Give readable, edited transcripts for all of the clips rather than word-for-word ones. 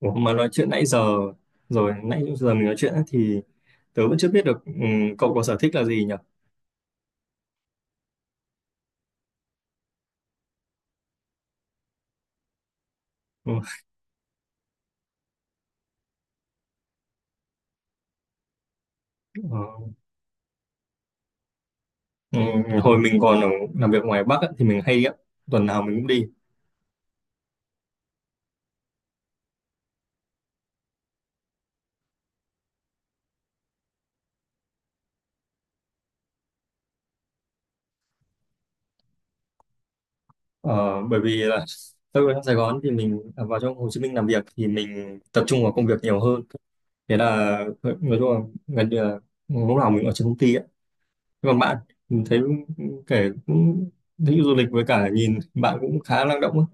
Ủa, mà nói chuyện nãy giờ rồi nãy giờ mình nói chuyện á, thì tớ vẫn chưa biết được cậu có sở thích là gì nhỉ? Ừ. ờ, Hồi mình còn ở, làm việc ngoài Bắc á, thì mình hay đi á, tuần nào mình cũng đi. Ờ, bởi vì là tớ ở trong Sài Gòn thì mình vào trong Hồ Chí Minh làm việc thì mình tập trung vào công việc nhiều hơn. Thế là nói chung là gần như là lúc nào mình ở trên công ty á. Thế còn bạn, mình thấy kể cũng thích du lịch với cả nhìn bạn cũng khá năng động á.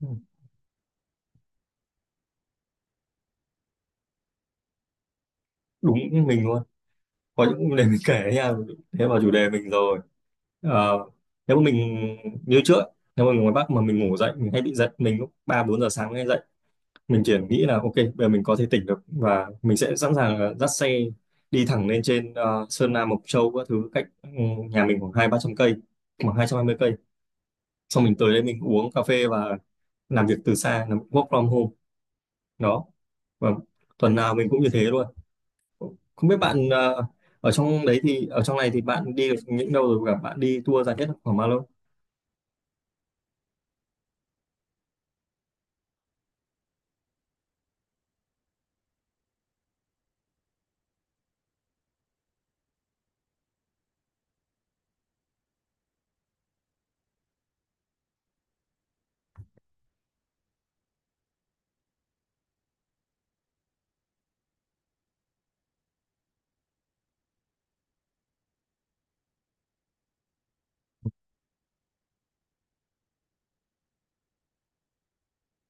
Ừ, đúng như mình luôn. Có những để mình kể nha, thế vào chủ đề mình rồi. Ờ, nếu mà mình như trước, nếu mà mình ngoài Bắc mà mình ngủ dậy mình hay bị giật mình lúc 3, 4 giờ sáng hay dậy, mình chỉ nghĩ là ok bây giờ mình có thể tỉnh được và mình sẽ sẵn sàng là dắt xe đi thẳng lên trên Sơn La Mộc Châu các thứ, cách nhà mình khoảng 2, 3 trăm cây, khoảng 220 cây. Xong mình tới đây mình uống cà phê và làm việc từ xa, làm work from home đó, và tuần nào mình cũng như thế luôn. Không biết bạn ở trong đấy thì ở trong này thì bạn đi được những đâu rồi và bạn đi tour dài nhất là khoảng bao lâu?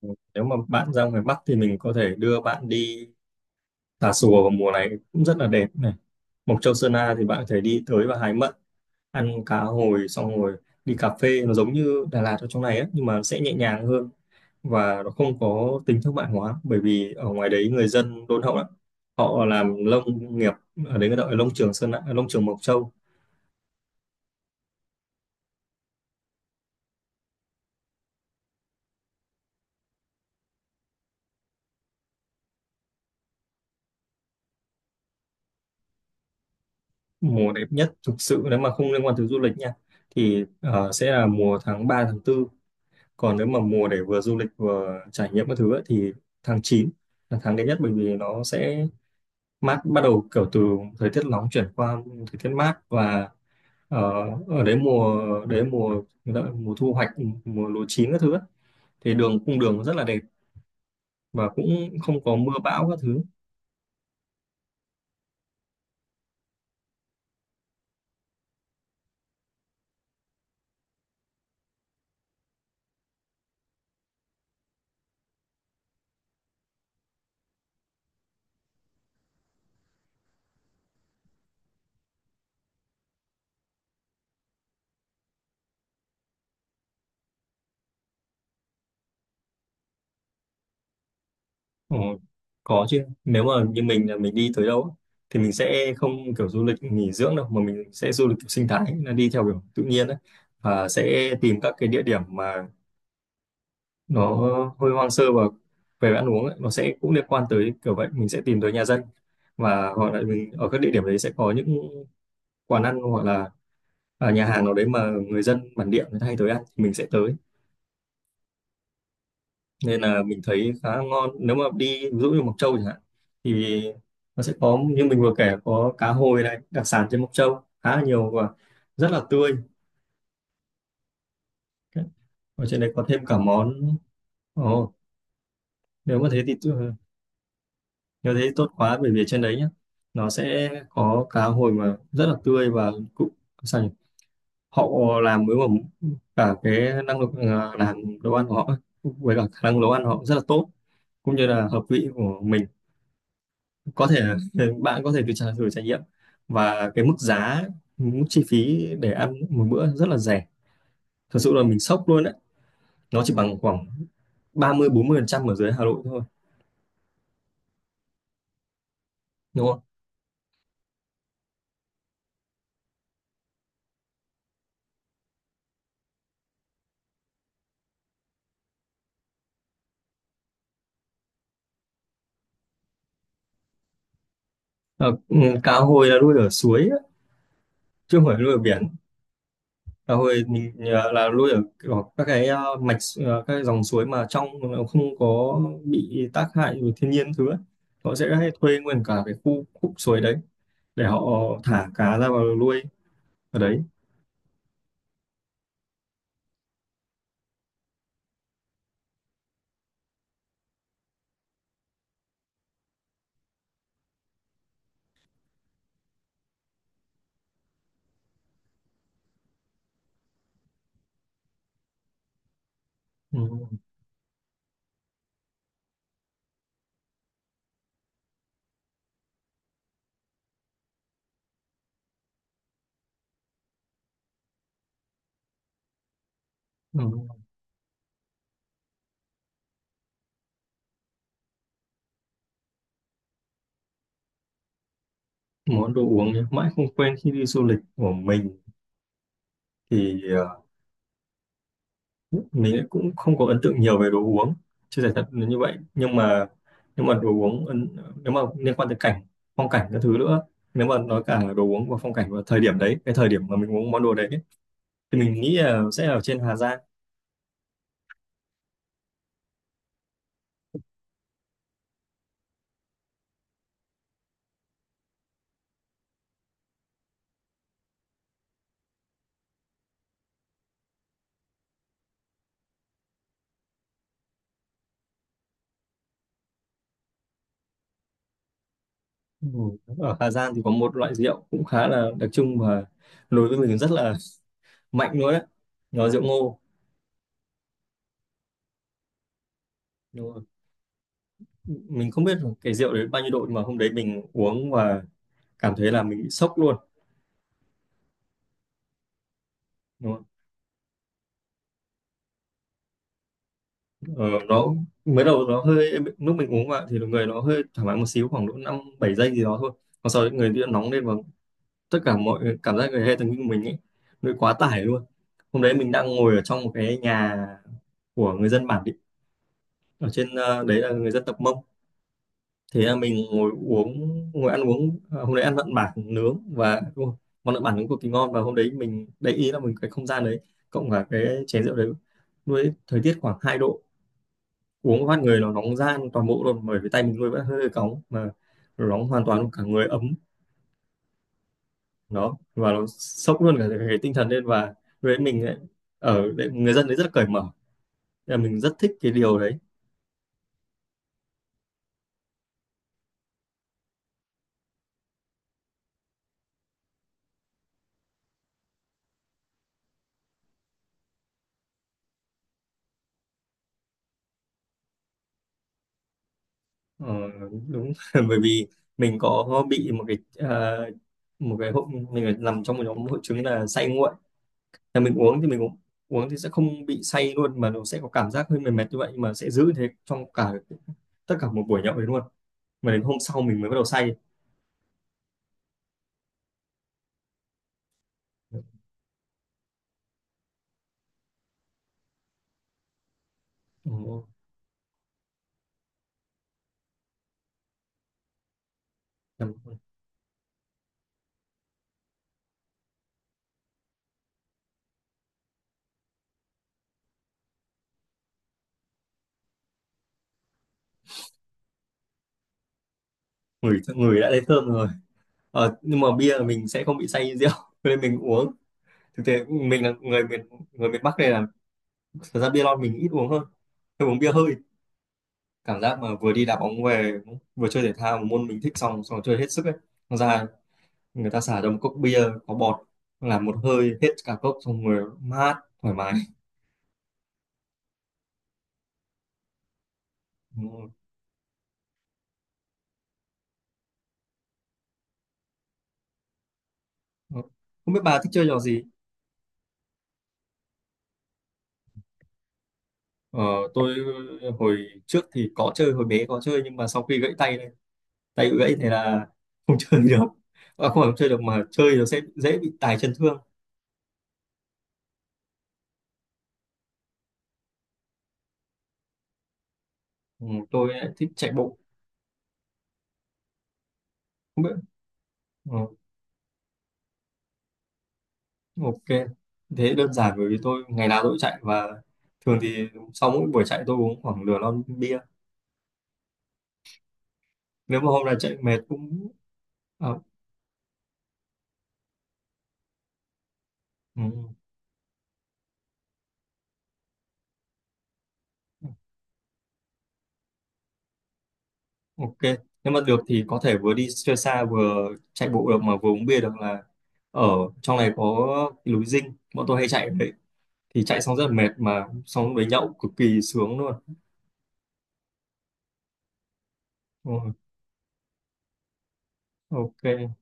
Ừ, nếu mà bạn ra ngoài Bắc thì mình có thể đưa bạn đi Tà Xùa, vào mùa này cũng rất là đẹp này. Mộc Châu Sơn La thì bạn có thể đi tới và hái mận, ăn cá hồi, xong rồi đi cà phê, nó giống như Đà Lạt ở trong này ấy, nhưng mà sẽ nhẹ nhàng hơn và nó không có tính thương mại hóa, bởi vì ở ngoài đấy người dân đôn hậu lắm. Họ làm lông nghiệp, ở đấy người ta gọi là lông trường Sơn La, lông trường Mộc Châu. Mùa đẹp nhất thực sự nếu mà không liên quan tới du lịch nha, thì sẽ là mùa tháng 3 tháng 4. Còn nếu mà mùa để vừa du lịch vừa trải nghiệm các thứ ấy, thì tháng 9 là tháng đẹp nhất, bởi vì nó sẽ mát, bắt đầu kiểu từ thời tiết nóng chuyển qua thời tiết mát, và ờ, ở đấy mùa gọi là mùa thu hoạch, mùa lúa chín các thứ ấy, thì đường, cung đường rất là đẹp và cũng không có mưa bão các thứ. Ờ, có chứ, nếu mà như mình là mình đi tới đâu á, thì mình sẽ không kiểu du lịch nghỉ dưỡng đâu mà mình sẽ du lịch kiểu sinh thái, là đi theo kiểu tự nhiên đấy, và sẽ tìm các cái địa điểm mà nó hơi hoang sơ. Và về ăn uống ấy, nó sẽ cũng liên quan tới kiểu vậy, mình sẽ tìm tới nhà dân, và hoặc là mình ở các địa điểm đấy sẽ có những quán ăn hoặc là nhà hàng nào đấy mà người dân bản địa người ta hay tới ăn thì mình sẽ tới. Nên là mình thấy khá ngon, nếu mà đi ví dụ như Mộc Châu chẳng hạn, thì nó sẽ có như mình vừa kể, có cá hồi này, đặc sản trên Mộc Châu khá là nhiều và rất là tươi. Ở trên đấy có thêm cả món, ồ, nếu mà thế thì nếu thế thì tốt quá, bởi vì trên đấy nhá, nó sẽ có cá hồi mà rất là tươi và cũng, sao nhỉ, họ làm với mà cả cái năng lực làm đồ ăn của họ ấy, với cả khả năng nấu ăn của họ rất là tốt, cũng như là hợp vị của mình. Có thể là bạn có thể thử trải nghiệm. Và cái mức giá, mức chi phí để ăn một bữa rất là rẻ, thật sự là mình sốc luôn đấy, nó chỉ bằng khoảng 30-40% ở dưới Hà Nội thôi, đúng không? Ờ, ừ, cá hồi là nuôi ở suối á, chứ không phải nuôi ở biển. Cá hồi mình là nuôi ở kiểu các cái mạch, các cái dòng suối mà trong nó không có bị tác hại của thiên nhiên thứ ấy. Họ sẽ hay thuê nguyên cả cái khu khúc suối đấy để họ thả cá ra vào nuôi ở đấy. Ừ. Ừ. Món đồ uống nhá, mãi không quên khi đi du lịch của mình thì mình lại cũng không có ấn tượng nhiều về đồ uống, chưa giải thật là như vậy. Nhưng mà, nhưng mà đồ uống ấn, nếu mà liên quan tới cảnh, phong cảnh các thứ nữa, nếu mà nói cả đồ uống và phong cảnh và thời điểm đấy, cái thời điểm mà mình uống món đồ đấy, thì mình nghĩ là sẽ ở trên Hà Giang. Ừ, ở Hà Giang thì có một loại rượu cũng khá là đặc trưng và đối với mình rất là mạnh luôn đấy, nó rượu ngô. Đúng rồi. Mình không biết là cái rượu đấy bao nhiêu độ, nhưng mà hôm đấy mình uống và cảm thấy là mình bị sốc luôn. Nó, ờ, nó mới đầu nó hơi, lúc mình uống vào thì người nó hơi thoải mái một xíu, khoảng độ 5, 7 giây gì đó thôi, còn sau đấy người bị nóng lên và tất cả mọi cảm giác, người, hệ thần kinh của mình ấy, nó bị quá tải luôn. Hôm đấy mình đang ngồi ở trong một cái nhà của người dân bản địa, ở trên đấy là người dân tộc Mông. Thế là mình ngồi uống, ngồi ăn uống, hôm đấy ăn mặn bản nướng, và ui, món lợn bản nướng cực kỳ ngon, và hôm đấy mình để ý là mình cái không gian đấy cộng cả cái chén rượu đấy, lúc đấy thời tiết khoảng 2 độ, uống phát người nó nóng ran toàn bộ luôn, bởi vì tay mình nuôi vẫn hơi cóng mà, nó nóng hoàn toàn cả người ấm đó, và nó sốc luôn cả cái tinh thần lên. Và với mình ấy, ở đấy, người dân đấy rất cởi mở, thế là mình rất thích cái điều đấy. Ờ, đúng. Bởi vì mình có bị một cái, à, hội, mình nằm trong một nhóm hội chứng là say nguội, là mình uống thì mình uống, uống thì sẽ không bị say luôn, mà nó sẽ có cảm giác hơi mệt mệt như vậy mà sẽ giữ thế trong cả, tất cả một buổi nhậu đấy luôn, mà đến hôm sau mình mới bắt đầu say. Ừ. Em ngửi ngửi đã thấy thơm rồi. Ờ, nhưng mà bia là mình sẽ không bị say như rượu nên mình uống, thực tế mình là người miền Bắc này là, thật ra bia lon mình ít uống hơn, tôi uống bia hơi, cảm giác mà vừa đi đá bóng về, vừa chơi thể thao một môn mình thích xong, xong chơi hết sức ấy, xong ra người ta xả cho một cốc bia có bọt, làm một hơi hết cả cốc, xong người mát, thoải mái. Ừ. Không biết bà thích chơi trò gì? ờ, tôi hồi trước thì có chơi, hồi bé có chơi nhưng mà sau khi gãy tay, tay bị gãy thì là không chơi được, à, không phải không chơi được mà chơi nó sẽ dễ bị tài chân thương. Ừ, tôi lại thích chạy bộ. Không biết, ừ, ok, thế đơn giản bởi vì tôi ngày nào tôi cũng chạy, và thường thì sau mỗi buổi chạy tôi uống khoảng nửa lon bia. Nếu mà hôm nào chạy mệt cũng, à, ừ, ok, nếu mà được thì có thể vừa đi chơi xa vừa chạy bộ được mà vừa uống bia được, là ở trong này có cái núi Dinh bọn tôi hay chạy ở đấy, thì chạy xong rất là mệt mà xong đấy nhậu cực kỳ sướng luôn. Ừ. Ok.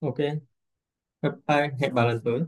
Ok, bye bye, hẹn bà lần tới.